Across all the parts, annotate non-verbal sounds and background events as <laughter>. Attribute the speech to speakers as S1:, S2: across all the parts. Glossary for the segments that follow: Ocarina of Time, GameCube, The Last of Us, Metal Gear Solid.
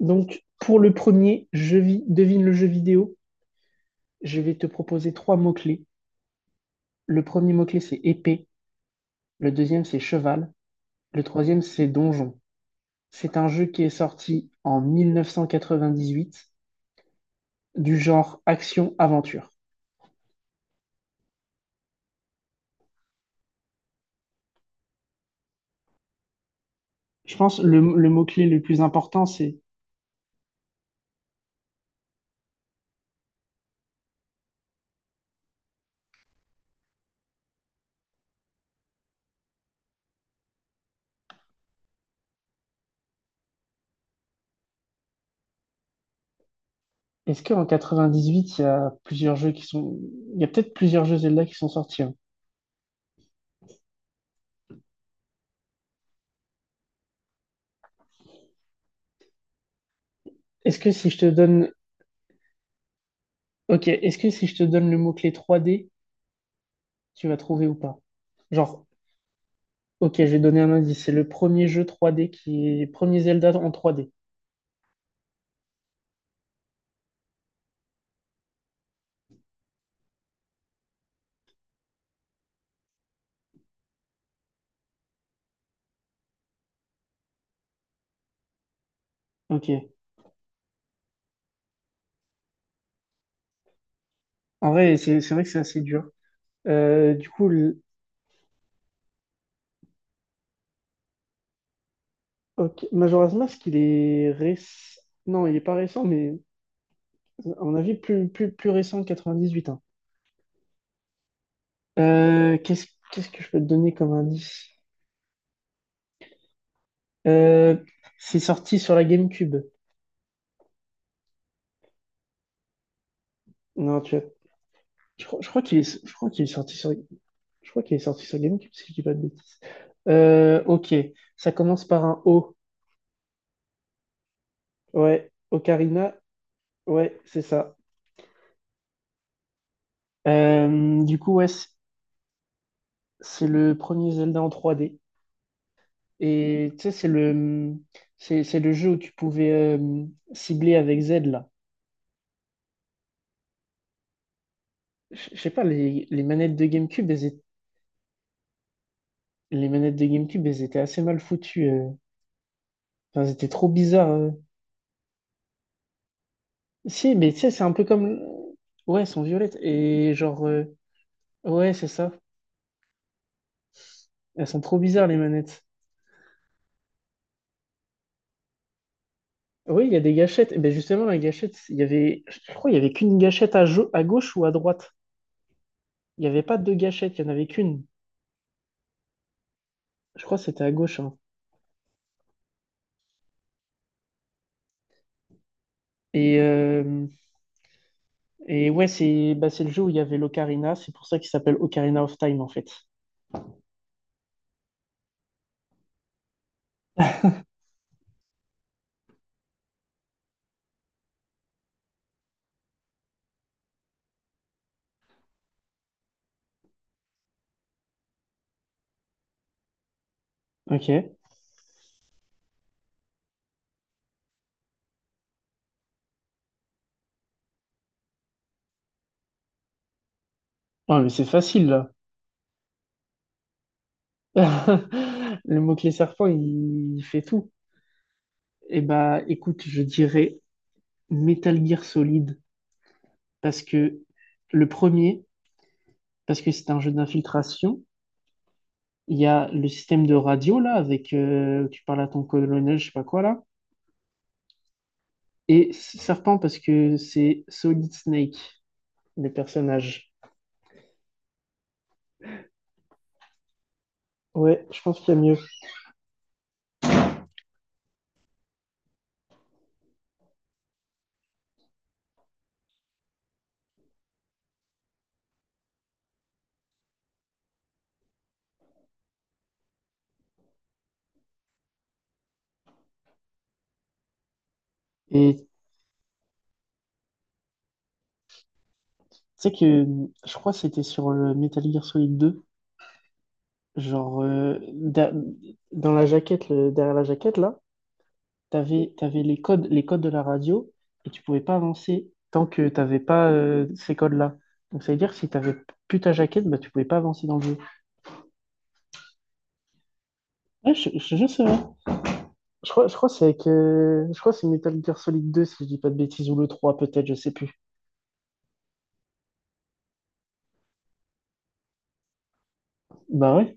S1: Donc, pour le premier, devine le jeu vidéo, je vais te proposer trois mots-clés. Le premier mot-clé, c'est épée. Le deuxième, c'est cheval. Le troisième, c'est donjon. C'est un jeu qui est sorti en 1998 du genre action-aventure. Je pense que le mot-clé le plus important, c'est est-ce qu'en 98, il y a plusieurs jeux qui sont. Il y a peut-être plusieurs jeux Zelda qui sont sortis, hein. Est-ce que si je te donne. Ok, est-ce que si je te donne le mot-clé 3D, tu vas trouver ou pas? Genre Ok, je vais donner un indice. C'est le premier jeu 3D qui est. Premier Zelda en 3D. Ok. En vrai, c'est vrai que c'est assez dur. Du coup, le. Ok, Majora's Mask. Non, il est pas récent, mais à mon avis, plus, plus, plus récent que 98, hein. Euh, qu'est-ce, Qu'est-ce que je peux te donner comme indice? Euh, c'est sorti sur la GameCube. Non, tu vois. Je, crois je crois qu'il est, je crois qu'il est sorti sur, je crois qu'il est sorti sur GameCube, si je dis pas de bêtises. Ok. Ça commence par un O. Ouais. Ocarina. Ouais, c'est ça. Du coup, ouais, c'est le premier Zelda en 3D. Et tu sais, c'est le jeu où tu pouvais cibler avec Z, là. Je sais pas, les manettes de GameCube, les manettes de GameCube, elles étaient assez mal foutues. Enfin, elles étaient trop bizarres. Si, mais tu sais, c'est un peu comme. Ouais, elles sont violettes. Et genre, ouais, c'est ça. Elles sont trop bizarres, les manettes. Oui, il y a des gâchettes. Et ben justement, la gâchette, il y avait. Je crois qu'il y avait qu'une gâchette à, à gauche ou à droite. Il n'y avait pas deux gâchettes, il n'y en avait qu'une. Je crois que c'était à gauche, hein. Et, euh, et ouais, c'est bah, c'est le jeu où il y avait l'Ocarina. C'est pour ça qu'il s'appelle Ocarina of Time, en fait. Ok. Ouais, mais c'est facile, là. <laughs> Le mot-clé serpent, il fait tout. Et bah, écoute, je dirais Metal Gear Solid. Parce que le premier, parce que c'est un jeu d'infiltration, il y a le système de radio, là, avec... tu parles à ton colonel, je sais pas quoi, là. Et serpent, parce que c'est Solid Snake. Les personnages. Ouais, je pense qu'il y a mieux. Et tu sais que je crois que c'était sur le Metal Gear Solid 2 genre dans la jaquette, derrière la jaquette là, t'avais les codes de la radio et tu pouvais pas avancer tant que t'avais pas ces codes-là. Donc ça veut dire que si t'avais plus ta jaquette, bah tu pouvais pas avancer dans le jeu. Ouais, je sais pas. Je crois que c'est Metal Gear Solid 2 si je dis pas de bêtises ou le 3 peut-être, je sais plus. Bah ouais.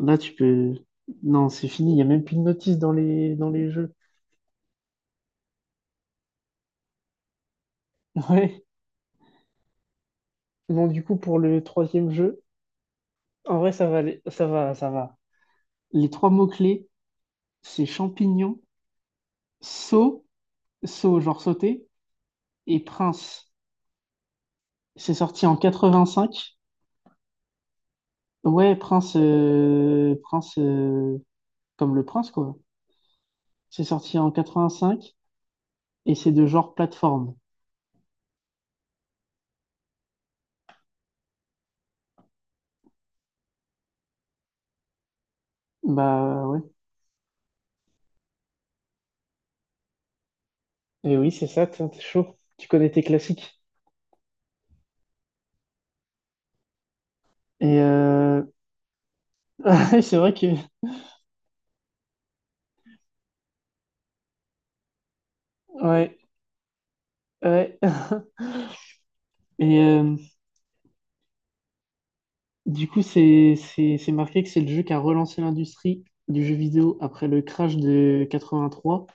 S1: Là, tu peux. Non, c'est fini, il n'y a même plus de notice dans les jeux. <laughs> Ouais. Bon, du coup, pour le troisième jeu, en vrai, ça va, ça va. Les trois mots-clés, c'est champignon, saut, saut, genre sauter, et prince. C'est sorti en 85. Ouais, prince, prince, comme le prince, quoi. C'est sorti en 85 et c'est de genre plateforme. Bah ouais. Et oui, c'est ça, t'es chaud. Tu connais tes classiques. Et euh, <laughs> c'est vrai que. Ouais, ouais. <laughs> Et euh, du coup, c'est marqué que c'est le jeu qui a relancé l'industrie du jeu vidéo après le crash de 83.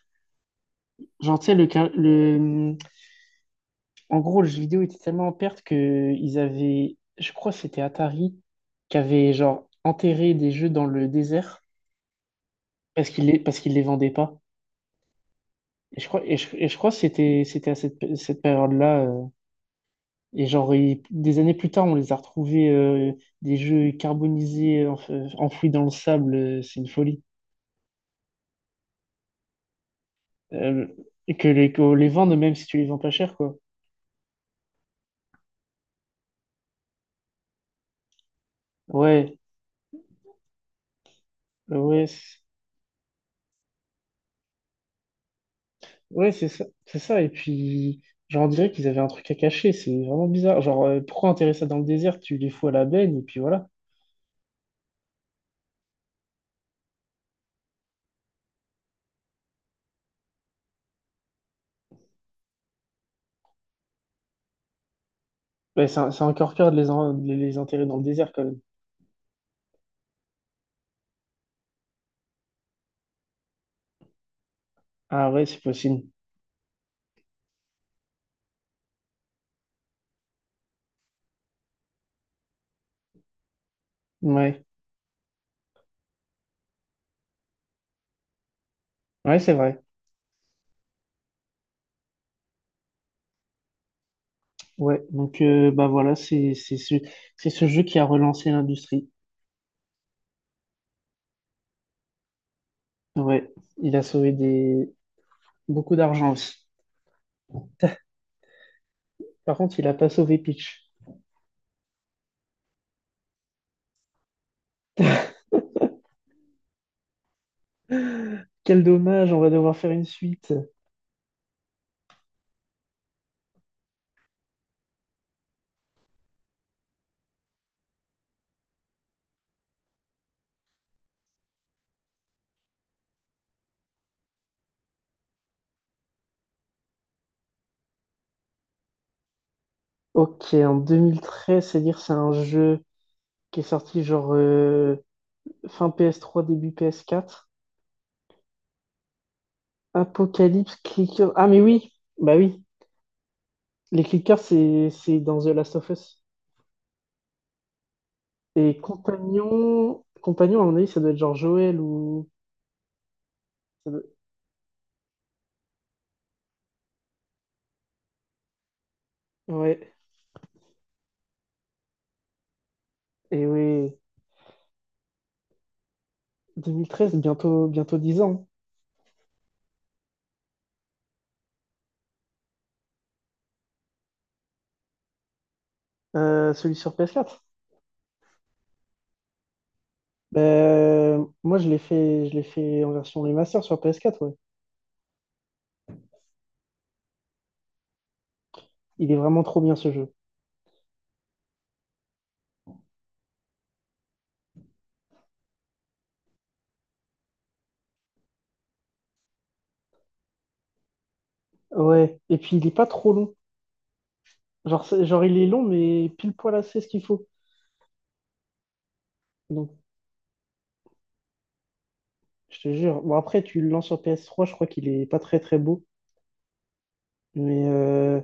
S1: Genre, tu sais, en gros, le jeu vidéo était tellement en perte que ils avaient, je crois que c'était Atari, qui avait genre enterré des jeux dans le désert parce qu'ils les vendaient pas. Et je crois que c'était à cette période-là. Et genre, des années plus tard, on les a retrouvés des jeux carbonisés enfouis dans le sable. C'est une folie. Euh, et que les vendre, même si tu les vends pas cher, quoi. Ouais, ouais, ouais, c'est ça, c'est ça. Et puis, genre, on dirait qu'ils avaient un truc à cacher. C'est vraiment bizarre. Genre, pourquoi enterrer ça dans le désert? Tu les fous à la benne et puis voilà. Ouais, c'est encore pire de de les enterrer dans le désert quand même. Ah ouais, c'est possible. Ouais, ouais, c'est vrai. Ouais, donc bah voilà, c'est ce jeu qui a relancé l'industrie. Ouais, il a sauvé des beaucoup d'argent aussi. Par contre, il a pas sauvé Peach. Quel dommage, on va devoir faire une suite. Ok, en 2013, c'est-à-dire c'est un jeu qui est sorti genre fin PS3, début PS4. Apocalypse Clicker. Ah mais oui, bah oui, les clickers c'est dans The Last of Us. Et compagnon, à mon avis, ça doit être genre Joël ou ça doit- ouais. Et oui. 2013, bientôt, bientôt 10 ans. Celui sur PS4. Ben, moi, je l'ai fait en version remaster sur PS4, ouais. Il est vraiment trop bien ce jeu. Ouais. Et puis, il est pas trop long. Genre, il est long, mais pile poil assez ce qu'il faut. Donc, je te jure. Bon, après, tu le lances sur PS3, je crois qu'il est pas très très beau. Mais,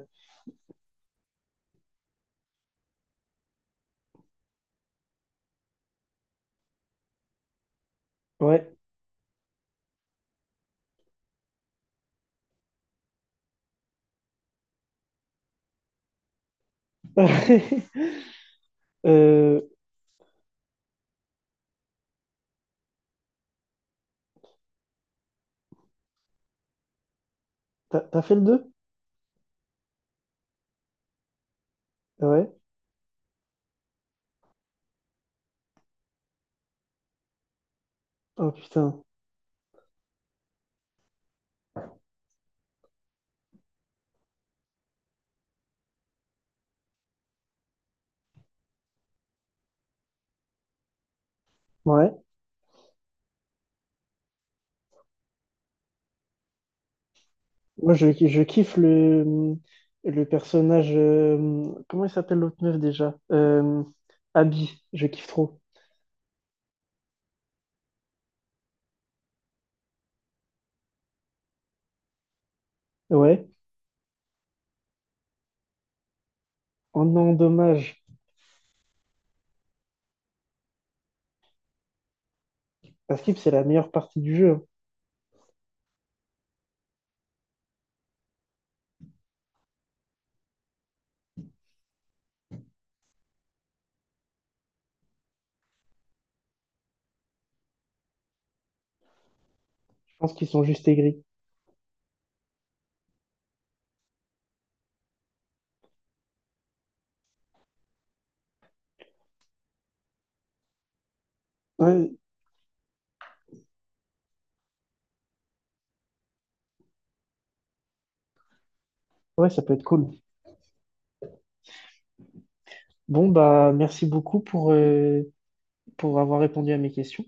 S1: ouais. <laughs> Euh, t'as fait le deux. Ouais. Oh putain. Ouais. Moi, je kiffe le personnage, comment il s'appelle l'autre meuf déjà? Abby, je kiffe trop. Ouais. Oh non, dommage. Parce que c'est la meilleure partie du jeu, hein. Je pense qu'ils sont juste aigris. Ouais, ouais, ça peut être cool. Bon, bah, merci beaucoup pour avoir répondu à mes questions.